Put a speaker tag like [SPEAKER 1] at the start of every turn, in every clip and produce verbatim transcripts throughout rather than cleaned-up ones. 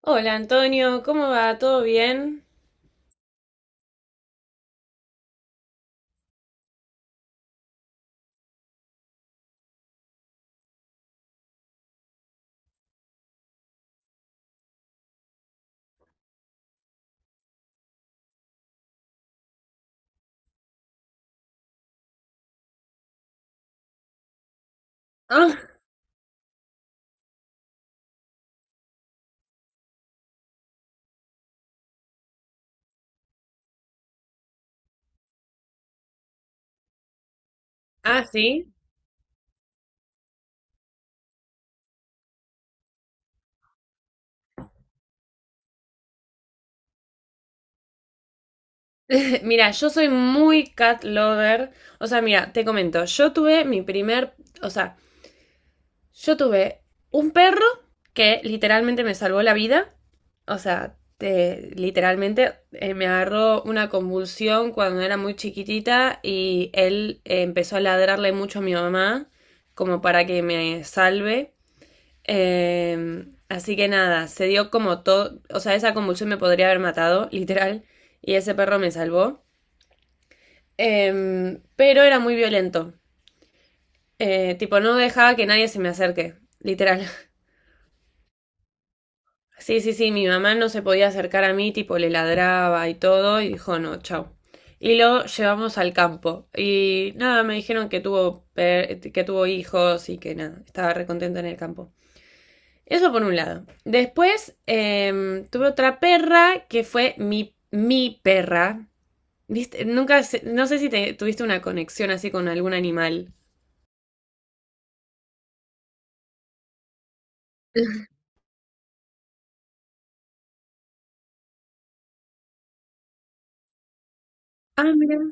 [SPEAKER 1] Hola Antonio, ¿cómo va? ¿Todo bien? Ah, Ah, sí. Mira, yo soy muy cat lover. O sea, mira, te comento, yo tuve mi primer, o sea, yo tuve un perro que literalmente me salvó la vida. O sea, te- literalmente eh, me agarró una convulsión cuando era muy chiquitita y él eh, empezó a ladrarle mucho a mi mamá como para que me salve. Eh, así que nada, se dio como todo, o sea, esa convulsión me podría haber matado, literal, y ese perro me salvó. Eh, pero era muy violento, eh, tipo, no dejaba que nadie se me acerque, literal. Sí, sí, sí, mi mamá no se podía acercar a mí, tipo, le ladraba y todo, y dijo, no, chao. Y lo llevamos al campo. Y nada, me dijeron que tuvo, per- que tuvo hijos y que nada, estaba recontento en el campo. Eso por un lado. Después em, tuve otra perra que fue mi, mi perra. ¿Viste? Nunca, sé- no sé si te- tuviste una conexión así con algún animal. Ah, mira.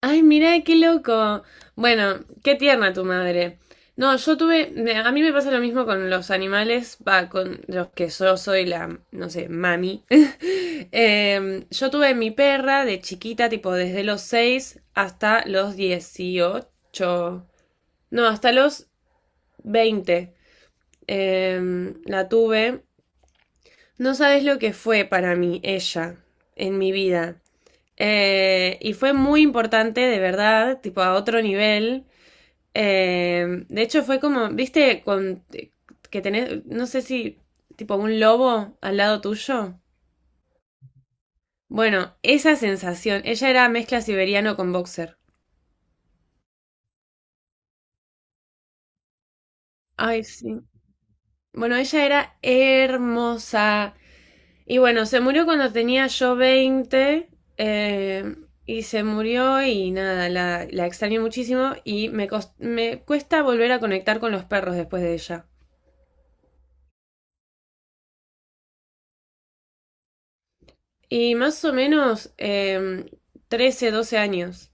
[SPEAKER 1] Ay, mira, qué loco. Bueno, qué tierna tu madre. No, yo tuve, me- a mí me pasa lo mismo con los animales, va, con los que yo soy la, no sé, mami. Em, yo tuve mi perra de chiquita, tipo desde los seis hasta los dieciocho. No, hasta los veinte em, la tuve. No sabes lo que fue para mí ella en mi vida. Eh, y fue muy importante, de verdad, tipo a otro nivel. Eh, de hecho, fue como, viste, con que tenés, no sé si, tipo un lobo al lado tuyo. Bueno, esa sensación. Ella era mezcla siberiano con boxer. Ay, sí. Bueno, ella era hermosa. Y bueno, se murió cuando tenía yo veinte eh, y se murió y nada, la, la extraño muchísimo y me, cos- me cuesta volver a conectar con los perros después de ella. Y más o menos eh, trece, doce años.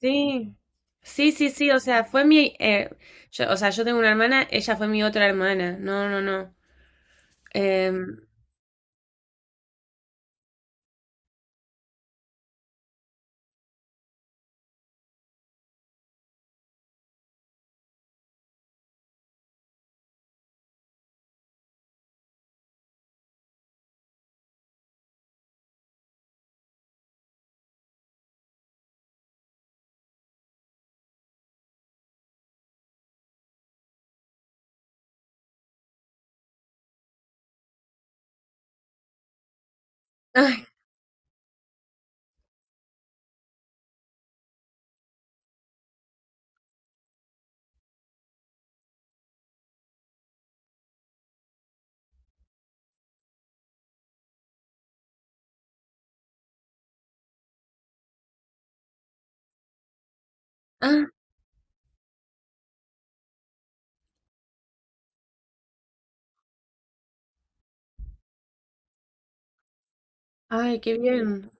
[SPEAKER 1] Sí, sí, sí, sí, o sea, fue mi... eh, yo- o sea, yo tengo una hermana, ella fue mi otra hermana. No, no, no. Em, ay, ah, ay, qué bien.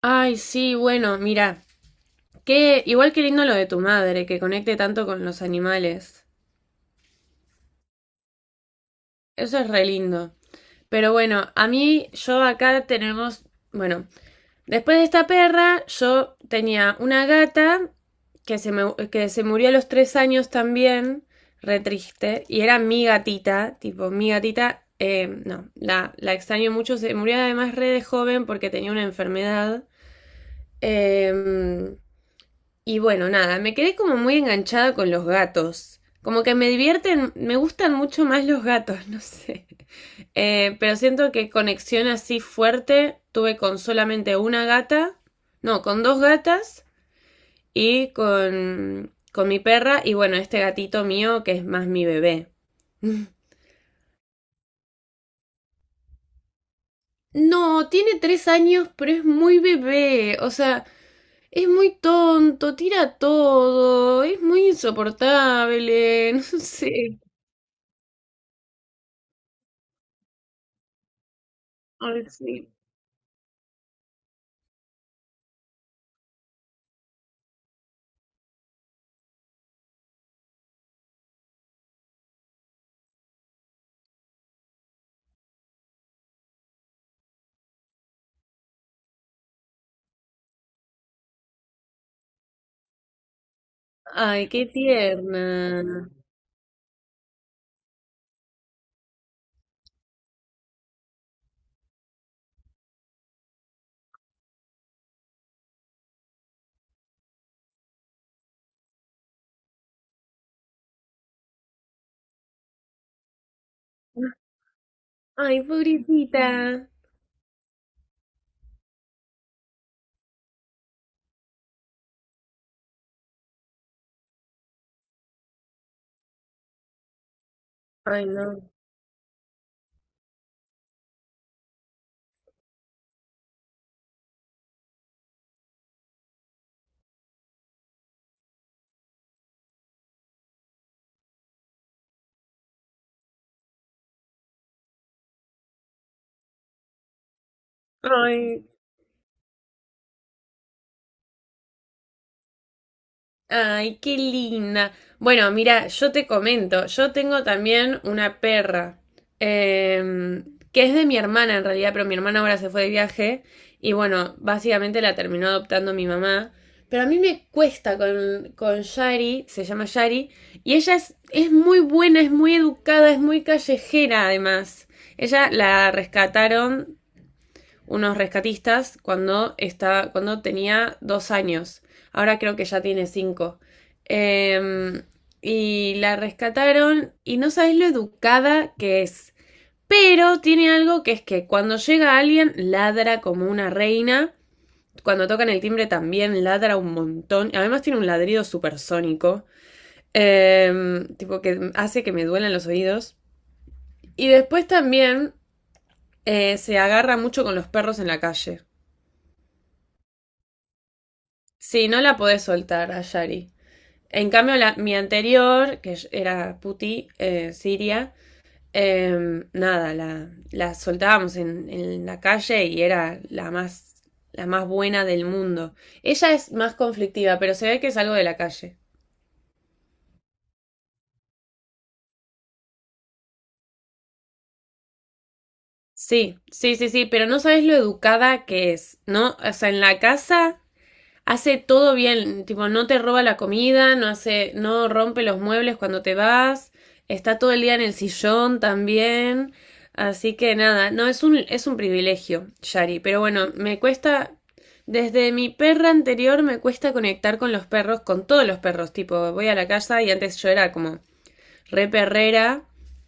[SPEAKER 1] Ay, sí, bueno, mira. Que igual que lindo lo de tu madre, que conecte tanto con los animales. Eso es re lindo. Pero bueno, a mí, yo acá tenemos, bueno, después de esta perra, yo tenía una gata que se, me, que se murió a los tres años también, re triste, y era mi gatita, tipo, mi gatita, eh, no, la, la extraño mucho, se murió además re de joven porque tenía una enfermedad. Eh, Y bueno, nada, me quedé como muy enganchada con los gatos. Como que me divierten, me gustan mucho más los gatos, no sé. Eh, pero siento que conexión así fuerte tuve con solamente una gata, no, con dos gatas y con, con mi perra y bueno, este gatito mío que es más mi bebé. No, tiene tres años, pero es muy bebé, o sea, es muy tonto, tira todo, es muy insoportable, no sé. Ay, sí. Ay, qué tierna. Ay, pobrecita. Ay, no. Ay, Ay, qué linda. Bueno, mira, yo te comento, yo tengo también una perra, eh, que es de mi hermana en realidad, pero mi hermana ahora se fue de viaje y bueno, básicamente la terminó adoptando mi mamá. Pero a mí me cuesta con, con Shari, se llama Shari, y ella es, es muy buena, es muy educada, es muy callejera además. Ella la rescataron unos rescatistas cuando, estaba, cuando tenía dos años. Ahora creo que ya tiene cinco. Em, y la rescataron y no sabes lo educada que es. Pero tiene algo que es que cuando llega alguien ladra como una reina. Cuando tocan el timbre también ladra un montón. Además tiene un ladrido supersónico. em, tipo que hace que me duelan los oídos. Y después también eh, se agarra mucho con los perros en la calle. Sí, no la podés soltar a Yari. En cambio, la, mi anterior, que era Puti, eh, Siria, eh, nada, la, la soltábamos en, en la calle y era la más, la más buena del mundo. Ella es más conflictiva, pero se ve que es algo de la calle. Sí, sí, sí, sí, pero no sabes lo educada que es, ¿no? O sea, en la casa hace todo bien, tipo, no te roba la comida, no hace, no rompe los muebles cuando te vas, está todo el día en el sillón también. Así que nada, no, es un, es un, privilegio, Shari. Pero bueno, me cuesta. Desde mi perra anterior me cuesta conectar con los perros, con todos los perros. Tipo, voy a la casa y antes yo era como re perrera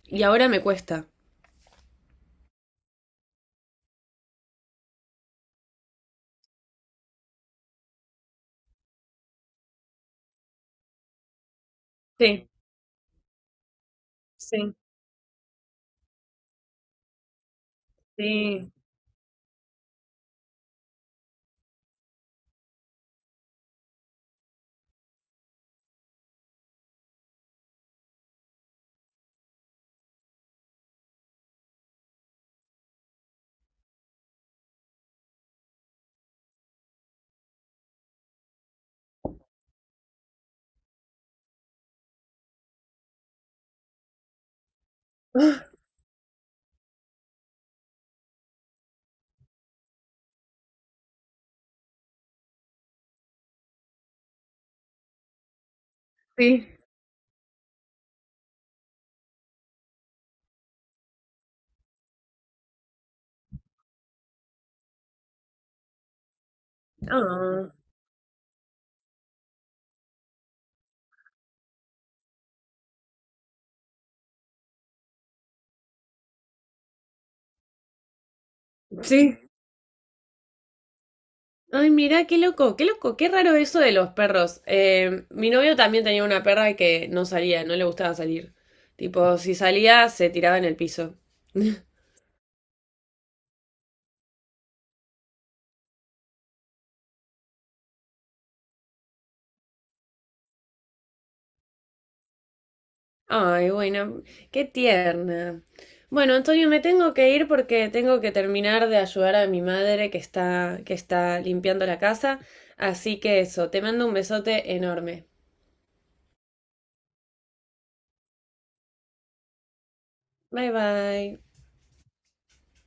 [SPEAKER 1] y ahora me cuesta. Sí, sí, sí. Sí. Ah, sí. Ay, mirá, qué loco, qué loco, qué raro eso de los perros. Eh, mi novio también tenía una perra que no salía, no le gustaba salir. Tipo, si salía, se tiraba en el piso. Ay, bueno, qué tierna. Bueno, Antonio, me tengo que ir porque tengo que terminar de ayudar a mi madre que está, que está limpiando la casa. Así que eso, te mando un besote enorme. Bye bye.